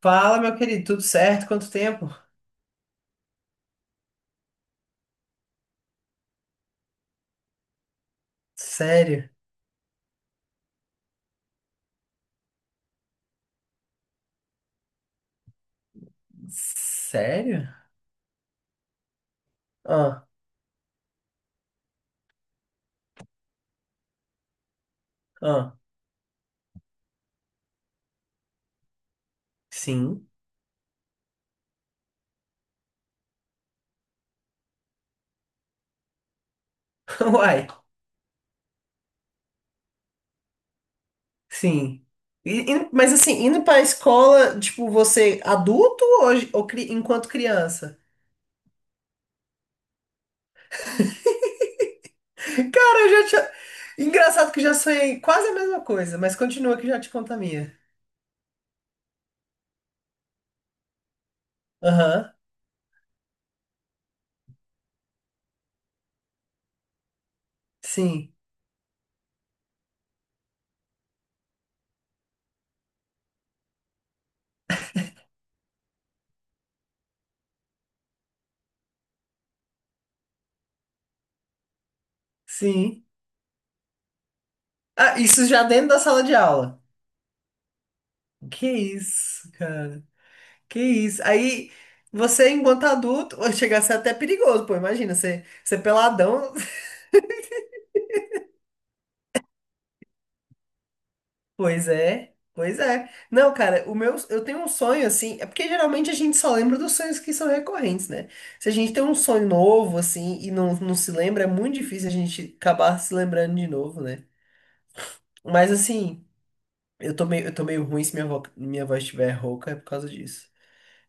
Fala, meu querido, tudo certo? Quanto tempo? Sério? Sério? Ah, ah, sim. Uai, sim. Mas assim, indo pra escola, tipo, você é adulto ou enquanto criança? Cara, eu já tinha. Engraçado que eu já sonhei quase a mesma coisa, mas continua que eu já te conto a minha. Aham, sim, sim. Ah, isso já dentro da sala de aula. Que isso, cara? Que isso. Aí você, enquanto adulto, ou chega a ser até perigoso, pô. Imagina, você peladão. Pois é, pois é. Não, cara, o meu, eu tenho um sonho assim. É porque geralmente a gente só lembra dos sonhos que são recorrentes, né? Se a gente tem um sonho novo, assim, e não se lembra, é muito difícil a gente acabar se lembrando de novo, né? Mas assim, eu tô meio ruim, se minha, minha voz estiver rouca, é por causa disso.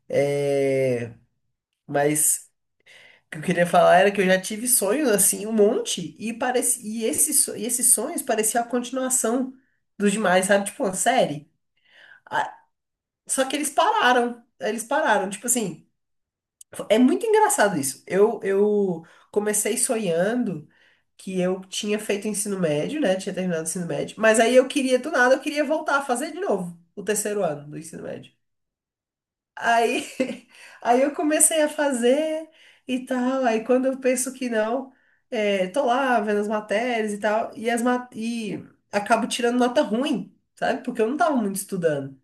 É, mas. O que eu queria falar era que eu já tive sonhos assim, um monte, e parece e esses sonhos pareciam a continuação dos demais, sabe? Tipo uma série. Ah, só que eles pararam. Eles pararam. Tipo assim, é muito engraçado isso. Eu comecei sonhando que eu tinha feito ensino médio, né? Tinha terminado o ensino médio. Mas aí eu queria, do nada, eu queria voltar a fazer de novo o terceiro ano do ensino médio. Aí, aí eu comecei a fazer e tal. Aí quando eu penso que não, é, tô lá vendo as matérias e tal, e acabo tirando nota ruim, sabe? Porque eu não tava muito estudando.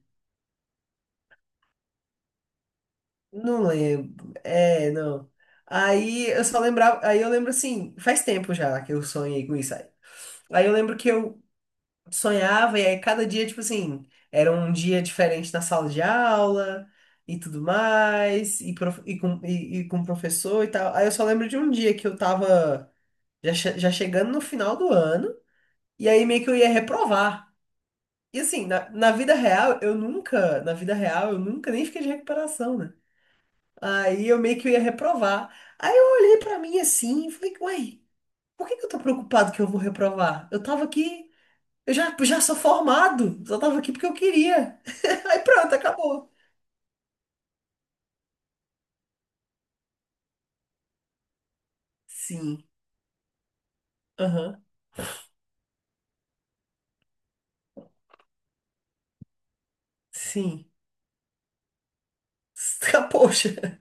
Não lembro. É, não. Aí eu só lembrava. Aí eu lembro assim, faz tempo já que eu sonhei com isso aí. Aí eu lembro que eu sonhava, e aí cada dia, tipo assim, era um dia diferente na sala de aula e tudo mais, e com o professor e tal. Aí eu só lembro de um dia que eu tava já, já chegando no final do ano, e aí meio que eu ia reprovar. E assim, na vida real, eu nunca, na vida real, eu nunca nem fiquei de recuperação, né? Aí eu meio que eu ia reprovar. Aí eu olhei pra mim assim e falei, uai, por que que eu tô preocupado que eu vou reprovar? Eu tava aqui. Eu já, já sou formado, só tava aqui porque eu queria. Aí pronto, acabou. Sim. Aham, sim. Poxa.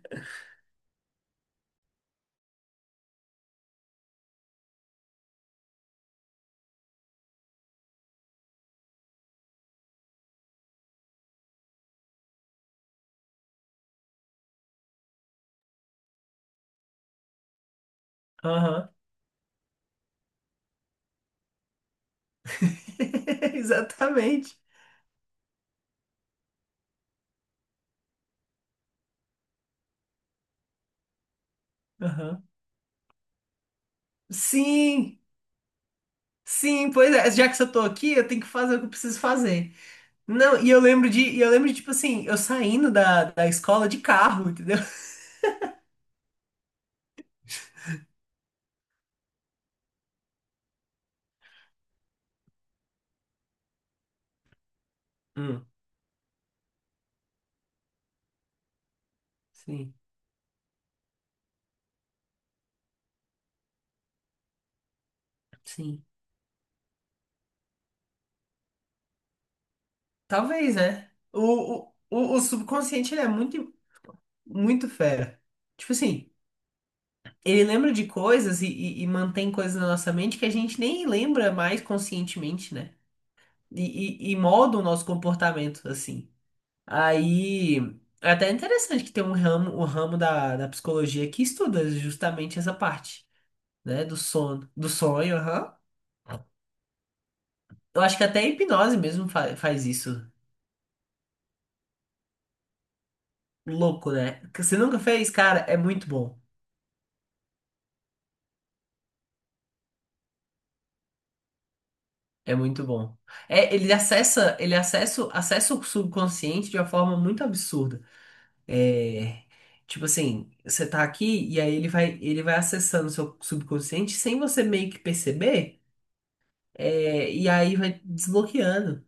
Aham, exatamente. Aham. Sim, sim, pois é. Já que eu tô aqui, eu tenho que fazer o que eu preciso fazer. Não, e eu lembro de, tipo assim, eu saindo da escola de carro, entendeu? Hum, sim, sim. Talvez, né? O subconsciente, muito fera. Tipo assim. Ele lembra de coisas e mantém coisas na nossa mente que a gente nem lembra mais conscientemente, né? E, e molda o nosso comportamento, assim. Aí, é até interessante que tem um ramo, o ramo da psicologia que estuda justamente essa parte, né? Do sono, do sonho, aham. Eu acho que até a hipnose mesmo faz isso. Louco, né? Que Você nunca fez? Cara, é muito bom. É muito bom. É, acessa o subconsciente de uma forma muito absurda. É, tipo assim, você tá aqui e aí ele vai acessando o seu subconsciente sem você meio que perceber, é, e aí vai desbloqueando.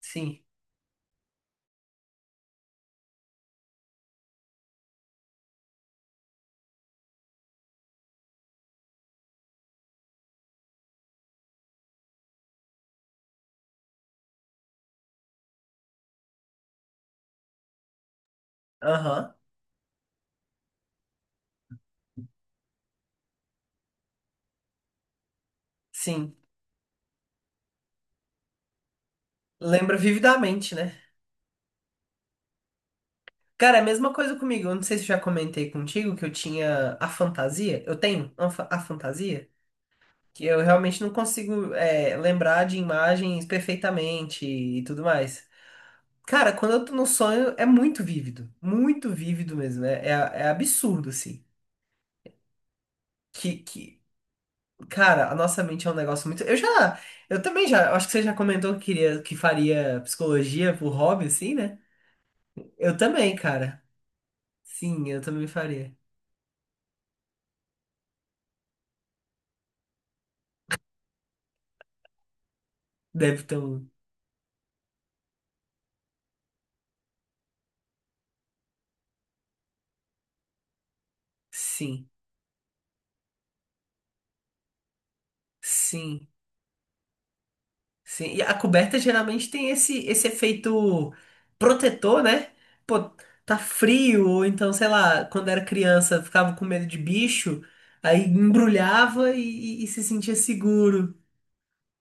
Sim. Aham. Sim. Lembra vividamente, né? Cara, é a mesma coisa comigo. Eu não sei se eu já comentei contigo que eu tinha a fantasia. Eu tenho a a fantasia. Que eu realmente não consigo, é, lembrar de imagens perfeitamente e tudo mais. Cara, quando eu tô num sonho, é muito vívido. Muito vívido mesmo. É absurdo, assim. Que, que, Cara, a nossa mente é um negócio muito. Eu já. Eu também já. Eu acho que você já comentou que queria, que faria psicologia por hobby, assim, né? Eu também, cara. Sim, eu também faria. Deve ter um. Sim. Sim. Sim, e a coberta geralmente tem esse, esse efeito protetor, né? Pô, tá frio, ou então, sei lá, quando era criança, ficava com medo de bicho, aí embrulhava e se sentia seguro.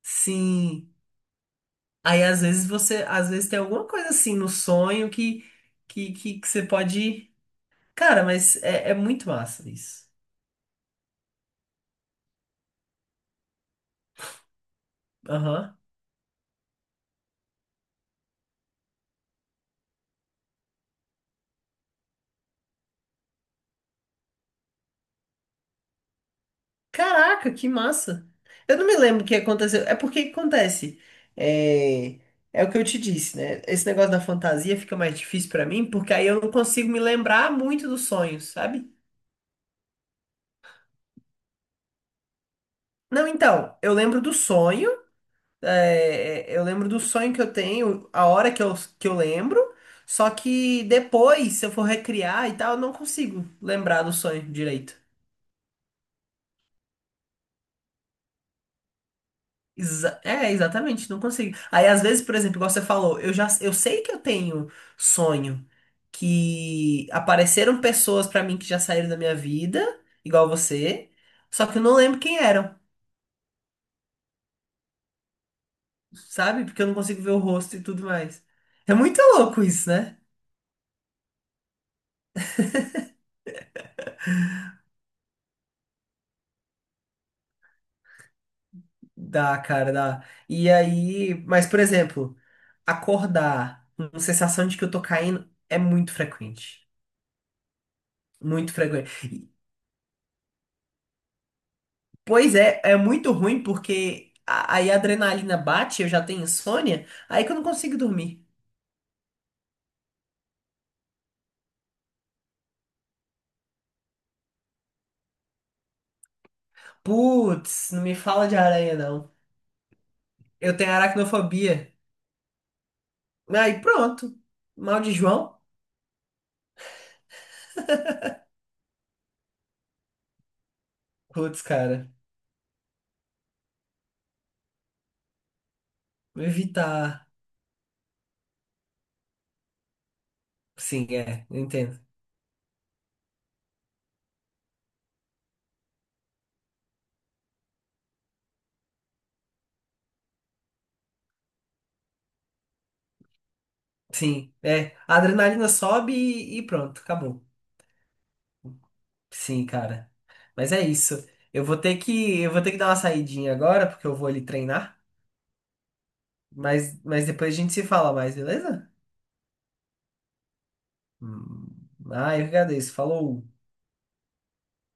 Sim. Aí às vezes você, às vezes tem alguma coisa assim no sonho que você pode. Cara, mas é, é muito massa isso. Aham. Caraca, que massa! Eu não me lembro o que aconteceu. É porque que acontece. É, é o que eu te disse, né? Esse negócio da fantasia fica mais difícil pra mim, porque aí eu não consigo me lembrar muito dos sonhos, sabe? Não, então, eu lembro do sonho. É, eu lembro do sonho que eu tenho, a hora que eu lembro. Só que depois, se eu for recriar e tal, eu não consigo lembrar do sonho direito. Exatamente, não consigo. Aí, às vezes, por exemplo, igual você falou, eu sei que eu tenho sonho que apareceram pessoas pra mim que já saíram da minha vida, igual você, só que eu não lembro quem eram, sabe? Porque eu não consigo ver o rosto e tudo mais. É muito louco isso, né? Dá, cara, dá. E aí, mas, por exemplo, acordar com sensação de que eu tô caindo é muito frequente. Muito frequente. Pois é, é muito ruim porque aí a adrenalina bate, eu já tenho insônia, aí que eu não consigo dormir. Putz, não me fala de aranha, não. Eu tenho aracnofobia. Aí pronto. Mal de João? Putz, cara. Evitar. Sim, é, eu entendo. Sim, é. A adrenalina sobe e pronto, acabou. Sim, cara. Mas é isso. Eu vou ter que dar uma saidinha agora, porque eu vou ali treinar. Mas depois a gente se fala mais, beleza? Hum. Ah, eu que agradeço. Falou.